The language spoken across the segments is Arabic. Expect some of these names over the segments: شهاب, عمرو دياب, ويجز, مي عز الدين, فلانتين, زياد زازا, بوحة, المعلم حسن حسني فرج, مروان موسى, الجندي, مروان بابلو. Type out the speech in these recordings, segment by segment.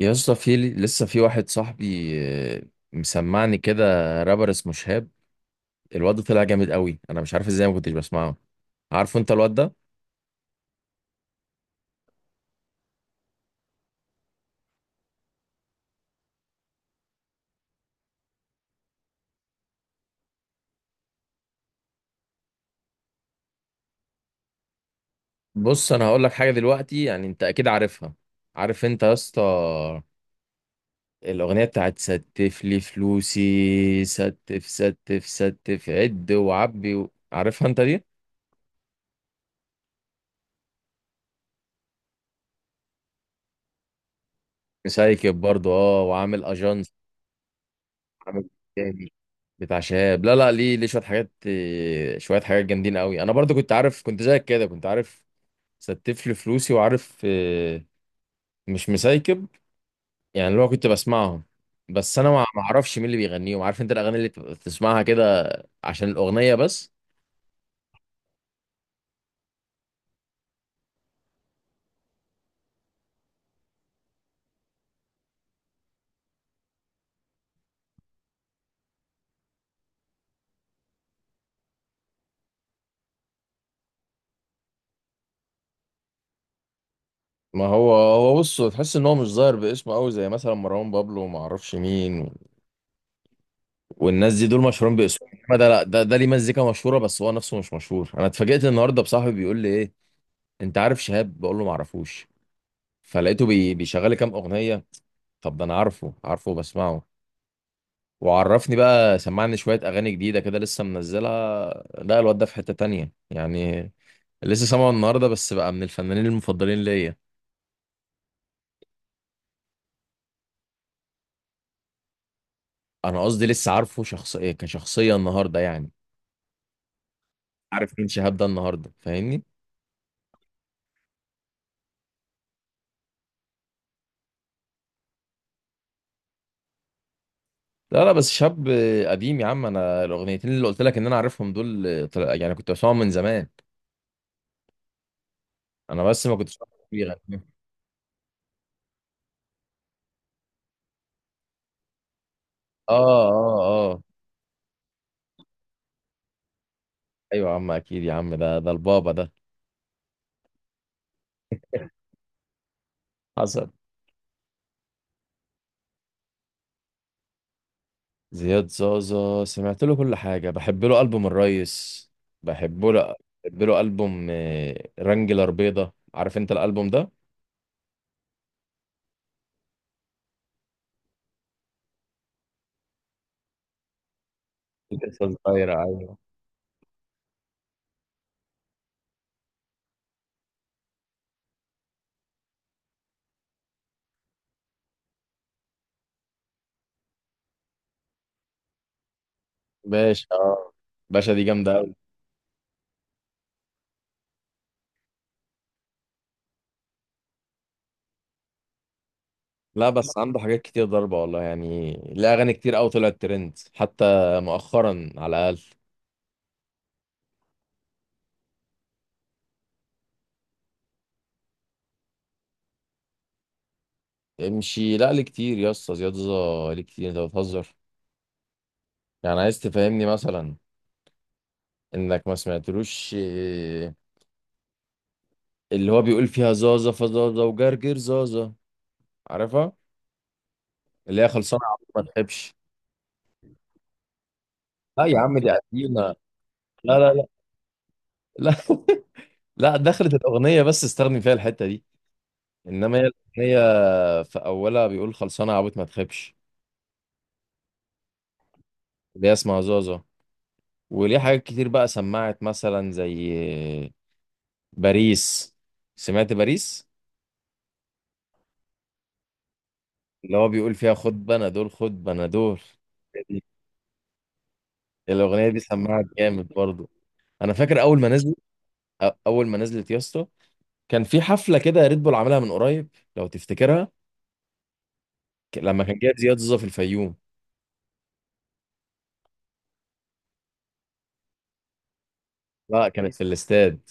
يا اسطى، في لسه في واحد صاحبي آه، مسمعني كده. رابر اسمه شهاب. الواد ده طلع جامد قوي، انا مش عارف ازاي ما كنتش بسمعه. عارفه انت الواد ده؟ بص، انا هقول لك حاجه دلوقتي، يعني انت اكيد عارفها. عارف انت يا اسطى؟ الاغنيه بتاعت ستف لي فلوسي، ستف ستف ستف، عد وعبي عارفها انت دي؟ مسايكب برضه، اه، وعامل اجانس. عمرو دياب. بتاع شهاب، لا لا، ليه شويه حاجات، شويه حاجات جامدين قوي. انا برضو كنت عارف، كنت زيك كده، كنت عارف. ستف لي فلوسي، وعارف، مش مسايكب. يعني اللي هو كنت بسمعهم، بس انا ما اعرفش مين اللي بيغنيهم. عارف انت الاغاني اللي بتبقى بتسمعها كده؟ عشان الاغنيه بس. ما هو بص، تحس ان هو مش ظاهر باسمه قوي، زي مثلا مروان بابلو وما اعرفش مين. والناس دي دول مشهورين باسمهم، انما ده، لا، ده ليه مزيكا مشهوره، بس هو نفسه مش مشهور. انا اتفاجئت النهارده بصاحبي بيقول لي ايه، انت عارف شهاب؟ بقول له ما اعرفوش. فلقيته بيشغل لي كام اغنيه. طب ده انا عارفه وبسمعه. وعرفني بقى، سمعني شويه اغاني جديده كده لسه منزلها. لا، الواد ده في حته تانية يعني. لسه سامعه النهارده، بس بقى من الفنانين المفضلين ليا. انا قصدي لسه عارفه شخص، ايه، كشخصيه النهارده يعني. عارف مين شهاب ده النهارده، فاهمني؟ لا لا، بس شاب قديم يا عم. انا الاغنيتين اللي قلت لك ان انا عارفهم دول، يعني كنت بسمعهم من زمان. انا بس ما كنتش عارف. اه، اه، آه. ايوه يا عم، اكيد يا عم، ده البابا ده. حصل. زياد زازا سمعت له كل حاجه. بحب له البوم الريس. بحب له. بحب له البوم رانجلر بيضه. عارف انت الالبوم ده؟ لسه صغيره، ايوه. باشا، آه. باشا دي جامده قوي. لا، بس عنده حاجات كتير ضربه والله، يعني ليه اغاني كتير قوي طلعت ترند حتى مؤخرا، على الاقل. امشي؟ لا، ليه كتير يا اسطى، زياد زازا ليه كتير، انت بتهزر؟ يعني عايز تفهمني مثلا، انك ما سمعتلوش اللي هو بيقول فيها زازا فزازا وجرجر زازا؟ عارفها؟ اللي هي خلصانه يا عم. ما تحبش؟ لا يا عم، دي قديمة. لا لا لا. لا. لا، دخلت الاغنيه بس استخدم فيها الحته دي، انما هي الاغنيه، في اولها بيقول خلصانه يا عبيط ما تخيبش. اللي هي اسمها زازا. وليه حاجات كتير بقى، سمعت مثلا زي باريس. سمعت باريس؟ اللي هو بيقول فيها خد بنادول خد بنادول. دي. الاغنيه دي سمعت جامد برضو. انا فاكر اول ما نزلت، اول ما نزلت يا اسطى، كان في حفله كده ريد بول عاملها من قريب، لو تفتكرها، لما كان جايب زياد زوزة في الفيوم. لا، كانت في الاستاد.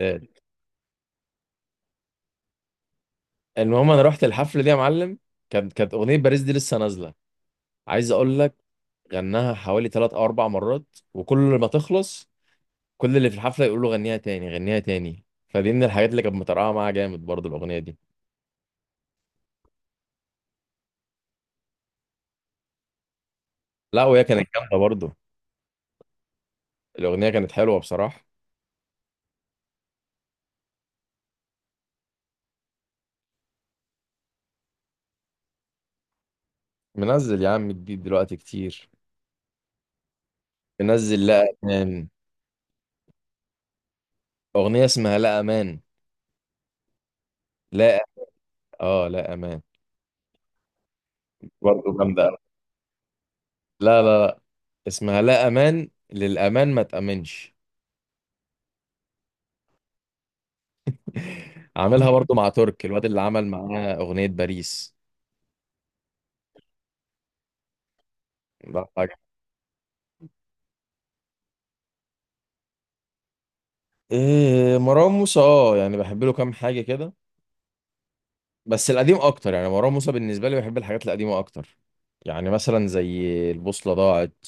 آه، المهم، انا رحت الحفله دي يا معلم، كانت اغنيه باريس دي لسه نازله، عايز اقول لك. غناها حوالي 3 او 4 مرات، وكل ما تخلص، كل اللي في الحفله يقول له غنيها تاني، غنيها تاني. فدي من الحاجات اللي كانت مطرقعه معاها جامد برضه، الاغنيه دي. لا، وهي كانت جامده برضه. الاغنيه كانت حلوه بصراحه. منزل يا عم جديد دلوقتي كتير. منزل لا امان. اغنيه اسمها لا امان. لا. اه، لا امان. برضه جامده أوي. لا لا لا. اسمها لا امان، للامان ما تامنش. عاملها برضو مع ترك، الواد اللي عمل معاه اغنيه باريس. ده حاجه. إيه، مروان موسى، اه، يعني بحب له كام حاجه كده، بس القديم اكتر، يعني مروان موسى بالنسبه لي بحب الحاجات القديمه اكتر. يعني مثلا زي البوصله ضاعت،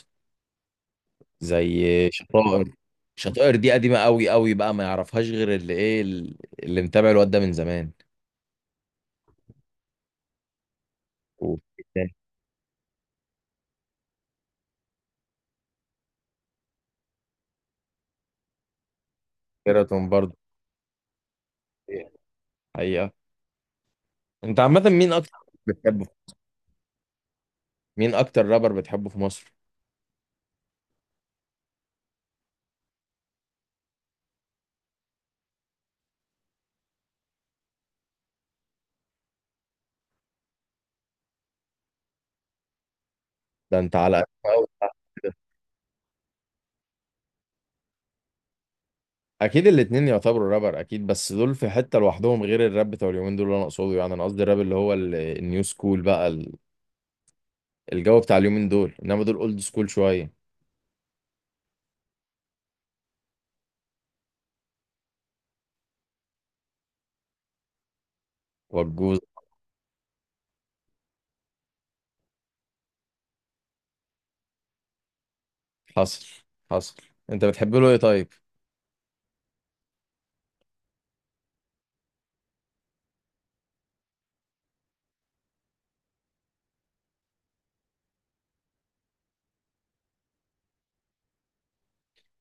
زي شطائر. شطائر دي قديمه قوي قوي بقى، ما يعرفهاش غير اللي ايه، اللي متابع الواد ده من زمان. وكيراتون برضو. حقيقه. انت عامة مين اكتر بتحبه، مين اكتر رابر بتحبه في مصر؟ ده انت على أوي. اكيد الاتنين يعتبروا رابر، اكيد، بس دول في حتة لوحدهم. غير الراب بتاع اليومين دول اللي انا اقصده، يعني انا قصدي الراب اللي هو النيو سكول بقى، الجو بتاع اليومين دول، انما دول اولد سكول شوية. والجوز. حصل حصل. انت بتحب له ايه طيب؟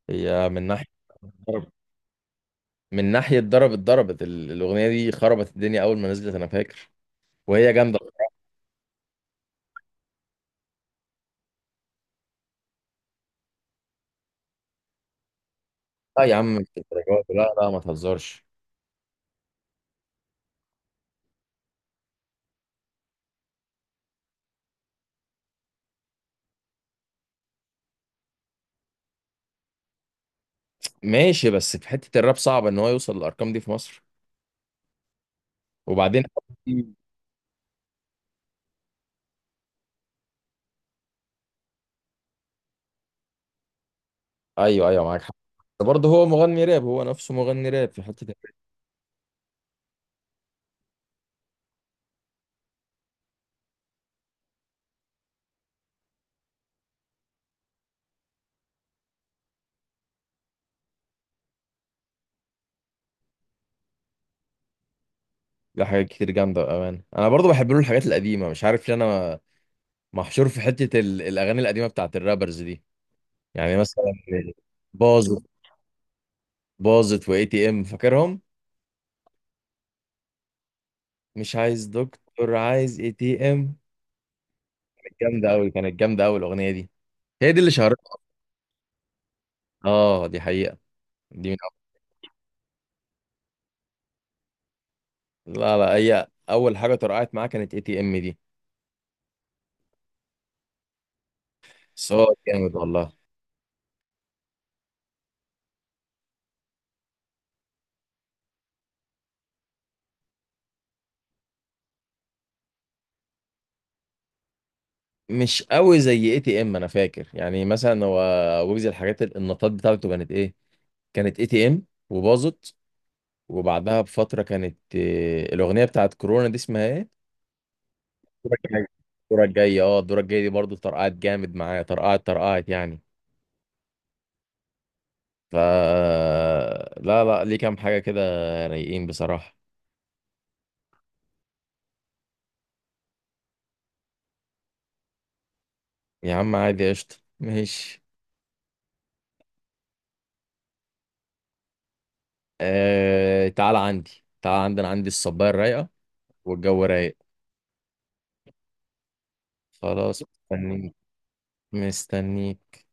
هي من ناحية ضرب، من ناحية ضرب اتضربت الأغنية دي، خربت الدنيا أول ما نزلت، أنا فاكر. وهي جامدة. لا يا عم، مش الدرجات، لا لا، ما تهزرش. ماشي، بس في حتة الراب صعب ان هو يوصل للارقام دي في مصر. وبعدين، مم. ايوه ايوه، معاك حق. برضه هو مغني راب، هو نفسه مغني راب في حتة الراب. لا، حاجات كتير جامدة بأمانة، انا برضه بحب له الحاجات القديمة، مش عارف ليه انا محشور في حتة الاغاني القديمة بتاعت الرابرز دي. يعني مثلا باظت، باظت واي تي ام، فاكرهم؟ مش عايز دكتور، عايز اي تي ام. جامدة قوي، كانت جامدة قوي الاغنية دي. هي دي اللي شهرتها. اه دي حقيقة، دي من لا لا، هي اول حاجة طرقعت معاه كانت اي تي ام دي. بس هو جامد والله. مش قوي زي اي تي ام، انا فاكر، يعني مثلا هو ويجز، الحاجات النطاط بتاعته كانت ايه؟ كانت اي تي ام، وباظت. وبعدها بفتره كانت الاغنيه بتاعت كورونا دي اسمها ايه؟ الدورة الجاية. الدورة الجاية، اه، الدورة الجاية دي برضه طرقعت جامد معايا، طرقعت طرقعت يعني. ف لا لا، ليه كام حاجة كده، رايقين بصراحة. يا عم عادي، قشطة ماشي. تعال عندي، تعال عندي، انا عندي الصباية الرايقة، والجو رايق. خلاص مستنيك. مستنيك.